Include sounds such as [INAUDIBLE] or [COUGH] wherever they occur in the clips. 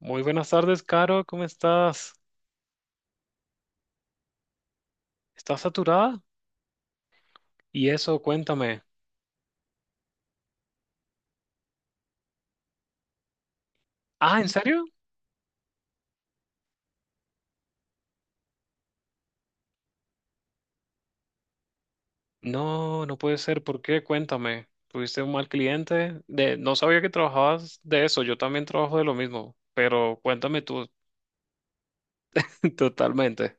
Muy buenas tardes, Caro, ¿cómo estás? ¿Estás saturada? Y eso, cuéntame. Ah, ¿en serio? No, no puede ser. ¿Por qué? Cuéntame. ¿Tuviste un mal cliente? No sabía que trabajabas de eso. Yo también trabajo de lo mismo, pero cuéntame tú. [LAUGHS] Totalmente.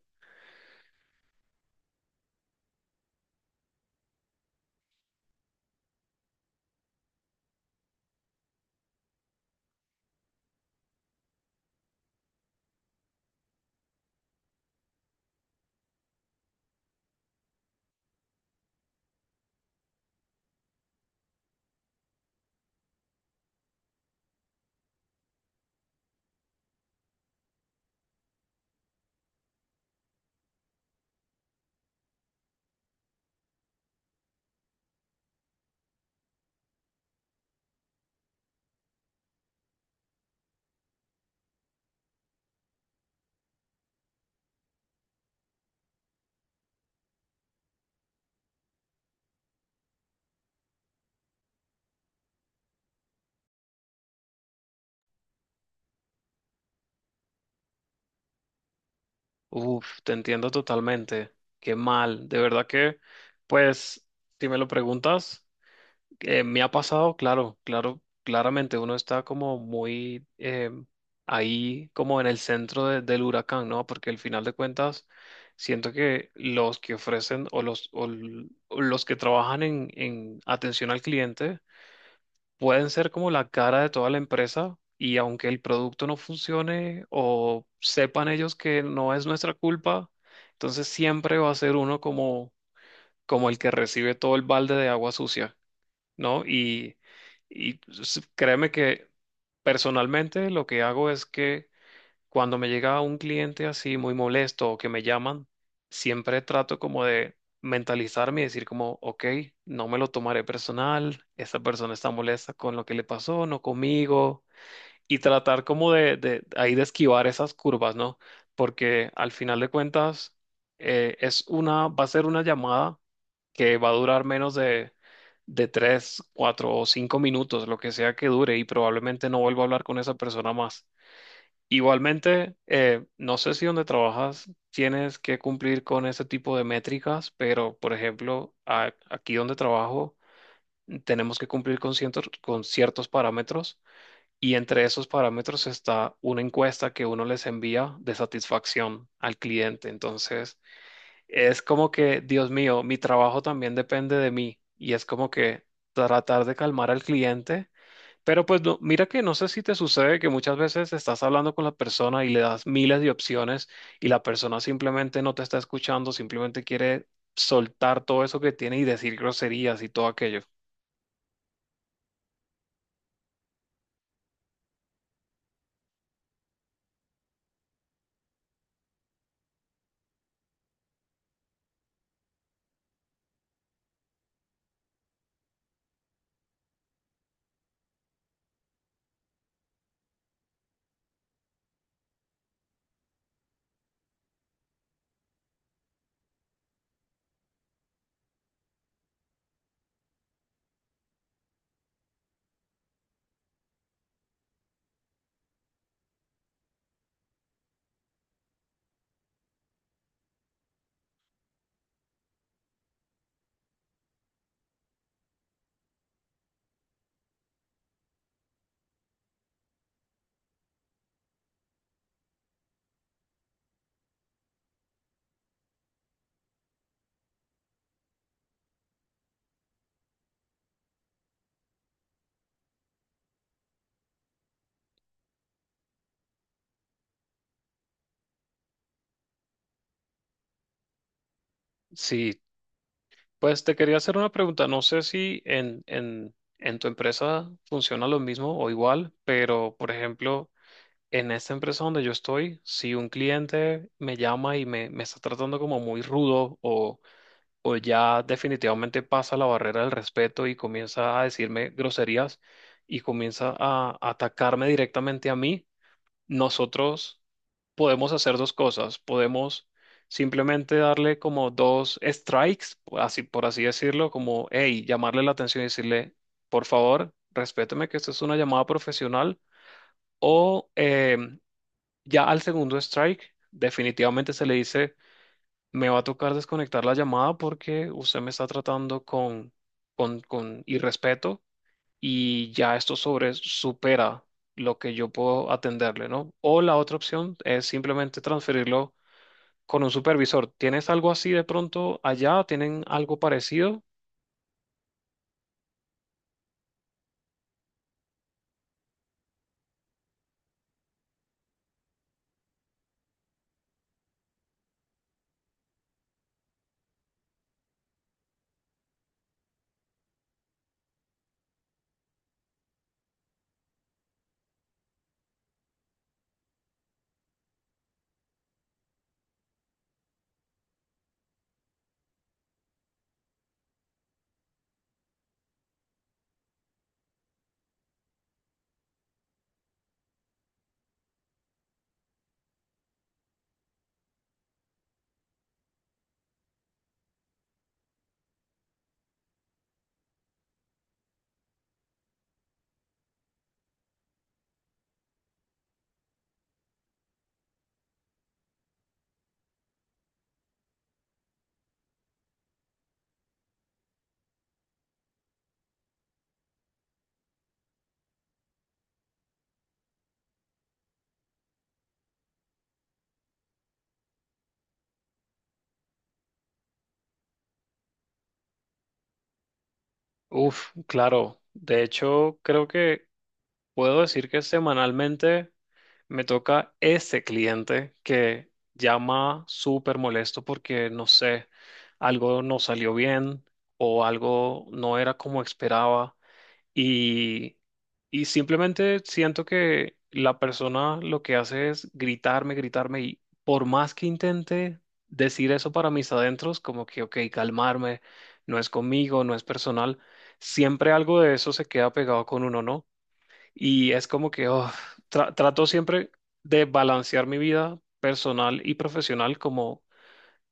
Uf, te entiendo totalmente. Qué mal. De verdad que, pues, si me lo preguntas. Me ha pasado, claro, claro, claramente uno está como muy ahí, como en el centro del huracán, ¿no? Porque al final de cuentas, siento que los que ofrecen o los que trabajan en atención al cliente pueden ser como la cara de toda la empresa y aunque el producto no funcione o sepan ellos que no es nuestra culpa, entonces siempre va a ser uno como el que recibe todo el balde de agua sucia, ¿no? Y créeme que personalmente lo que hago es que cuando me llega un cliente así muy molesto o que me llaman, siempre trato como de mentalizarme y decir como, ok, no me lo tomaré personal, esta persona está molesta con lo que le pasó, no conmigo, y tratar como de ahí de esquivar esas curvas, ¿no? Porque al final de cuentas es una, va a ser una llamada que va a durar menos de 3 4 o 5 minutos, lo que sea que dure, y probablemente no vuelva a hablar con esa persona más. Igualmente, no sé si donde trabajas tienes que cumplir con ese tipo de métricas, pero por ejemplo, aquí donde trabajo tenemos que cumplir con con ciertos parámetros y entre esos parámetros está una encuesta que uno les envía de satisfacción al cliente. Entonces, es como que, Dios mío, mi trabajo también depende de mí. Y es como que tratar de calmar al cliente. Pero pues mira que no sé si te sucede que muchas veces estás hablando con la persona y le das miles de opciones y la persona simplemente no te está escuchando, simplemente quiere soltar todo eso que tiene y decir groserías y todo aquello. Sí. Pues te quería hacer una pregunta. No sé si en tu empresa funciona lo mismo o igual, pero por ejemplo, en esta empresa donde yo estoy, si un cliente me llama y me está tratando como muy rudo o ya definitivamente pasa la barrera del respeto y comienza a decirme groserías y comienza a atacarme directamente a mí, nosotros podemos hacer dos cosas. Podemos simplemente darle como dos strikes, así por así decirlo, como, hey, llamarle la atención y decirle, por favor, respéteme que esto es una llamada profesional. O ya al segundo strike, definitivamente se le dice, me va a tocar desconectar la llamada porque usted me está tratando con irrespeto y ya esto sobre supera lo que yo puedo atenderle, ¿no? O la otra opción es simplemente transferirlo con un supervisor. ¿Tienes algo así de pronto allá? ¿Tienen algo parecido? Uf, claro. De hecho, creo que puedo decir que semanalmente me toca ese cliente que llama súper molesto porque, no sé, algo no salió bien o algo no era como esperaba. Y, y simplemente siento que la persona lo que hace es gritarme, gritarme, y por más que intente decir eso para mis adentros, como que, ok, calmarme, no es conmigo, no es personal, siempre algo de eso se queda pegado con uno, ¿no? Y es como que oh, trato siempre de balancear mi vida personal y profesional como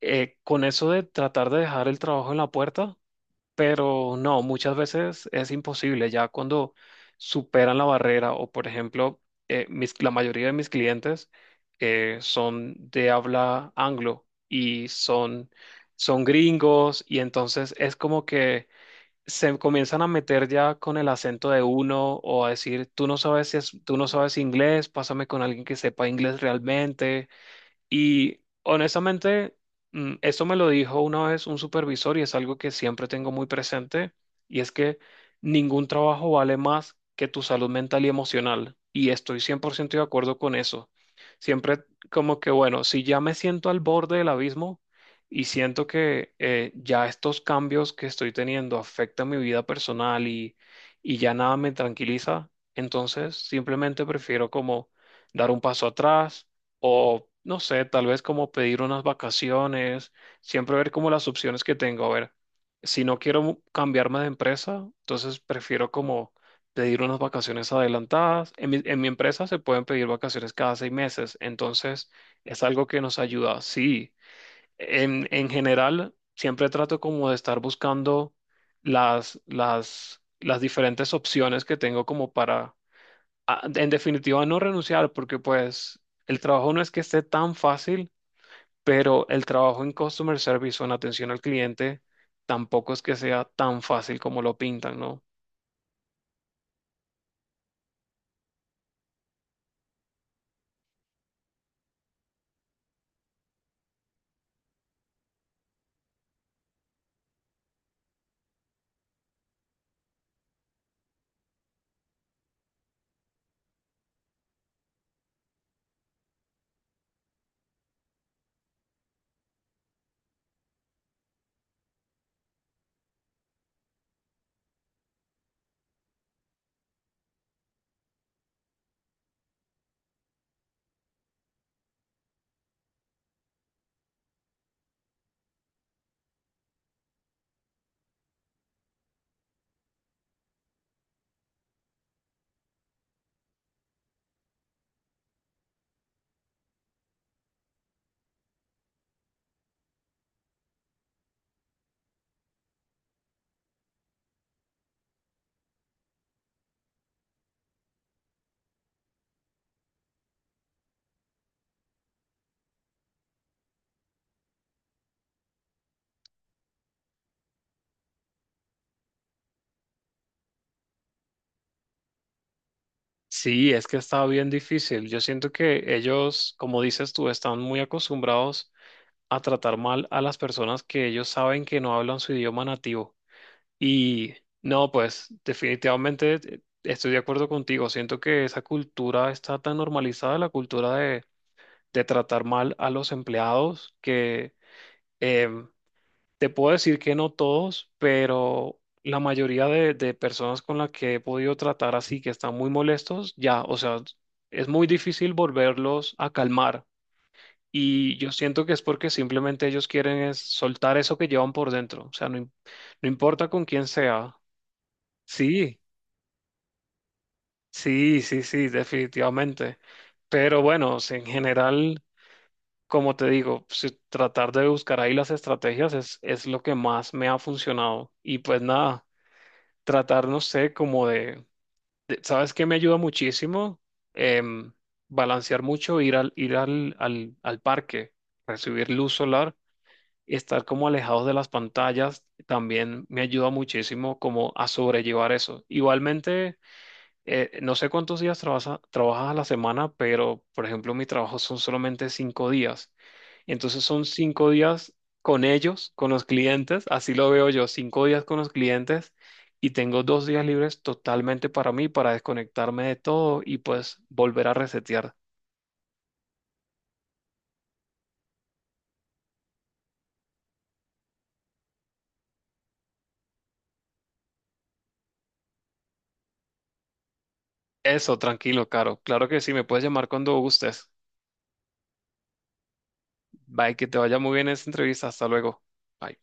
con eso de tratar de dejar el trabajo en la puerta, pero no, muchas veces es imposible. Ya cuando superan la barrera o, por ejemplo, la mayoría de mis clientes son de habla anglo y son gringos y entonces es como que se comienzan a meter ya con el acento de uno o a decir, tú no sabes, tú no sabes inglés, pásame con alguien que sepa inglés realmente. Y honestamente, eso me lo dijo una vez un supervisor y es algo que siempre tengo muy presente, y es que ningún trabajo vale más que tu salud mental y emocional. Y estoy 100% de acuerdo con eso. Siempre como que, bueno, si ya me siento al borde del abismo y siento que ya estos cambios que estoy teniendo afectan mi vida personal y ya nada me tranquiliza, entonces simplemente prefiero como dar un paso atrás o no sé, tal vez como pedir unas vacaciones, siempre ver como las opciones que tengo. A ver, si no quiero cambiarme de empresa, entonces prefiero como pedir unas vacaciones adelantadas. En mi empresa se pueden pedir vacaciones cada 6 meses, entonces es algo que nos ayuda. Sí, en general siempre trato como de estar buscando las diferentes opciones que tengo como para en definitiva, no renunciar, porque pues el trabajo no es que esté tan fácil, pero el trabajo en customer service o en atención al cliente tampoco es que sea tan fácil como lo pintan, ¿no? Sí, es que está bien difícil. Yo siento que ellos, como dices tú, están muy acostumbrados a tratar mal a las personas que ellos saben que no hablan su idioma nativo. Y no, pues definitivamente estoy de acuerdo contigo. Siento que esa cultura está tan normalizada, la cultura de tratar mal a los empleados, que em, te puedo decir que no todos, pero la mayoría de personas con las que he podido tratar así, que están muy molestos, ya, o sea, es muy difícil volverlos a calmar. Y yo siento que es porque simplemente ellos quieren es soltar eso que llevan por dentro, o sea, no, no importa con quién sea. Sí, sí, sí, sí, definitivamente. Pero bueno, o sea, en general... como te digo, tratar de buscar ahí las estrategias es, lo que más me ha funcionado. Y pues nada, tratar, no sé, ¿sabes qué me ayuda muchísimo? Em, Balancear mucho, ir al parque, recibir luz solar, estar como alejados de las pantallas, también me ayuda muchísimo como a sobrellevar eso. Igualmente, no sé cuántos días trabajas a la semana, pero por ejemplo, mi trabajo son solamente 5 días. Entonces son 5 días con ellos, con los clientes, así lo veo yo, 5 días con los clientes y tengo 2 días libres totalmente para mí, para desconectarme de todo y pues volver a resetear. Eso, tranquilo, Caro. Claro que sí, me puedes llamar cuando gustes. Bye, que te vaya muy bien esa entrevista. Hasta luego. Bye.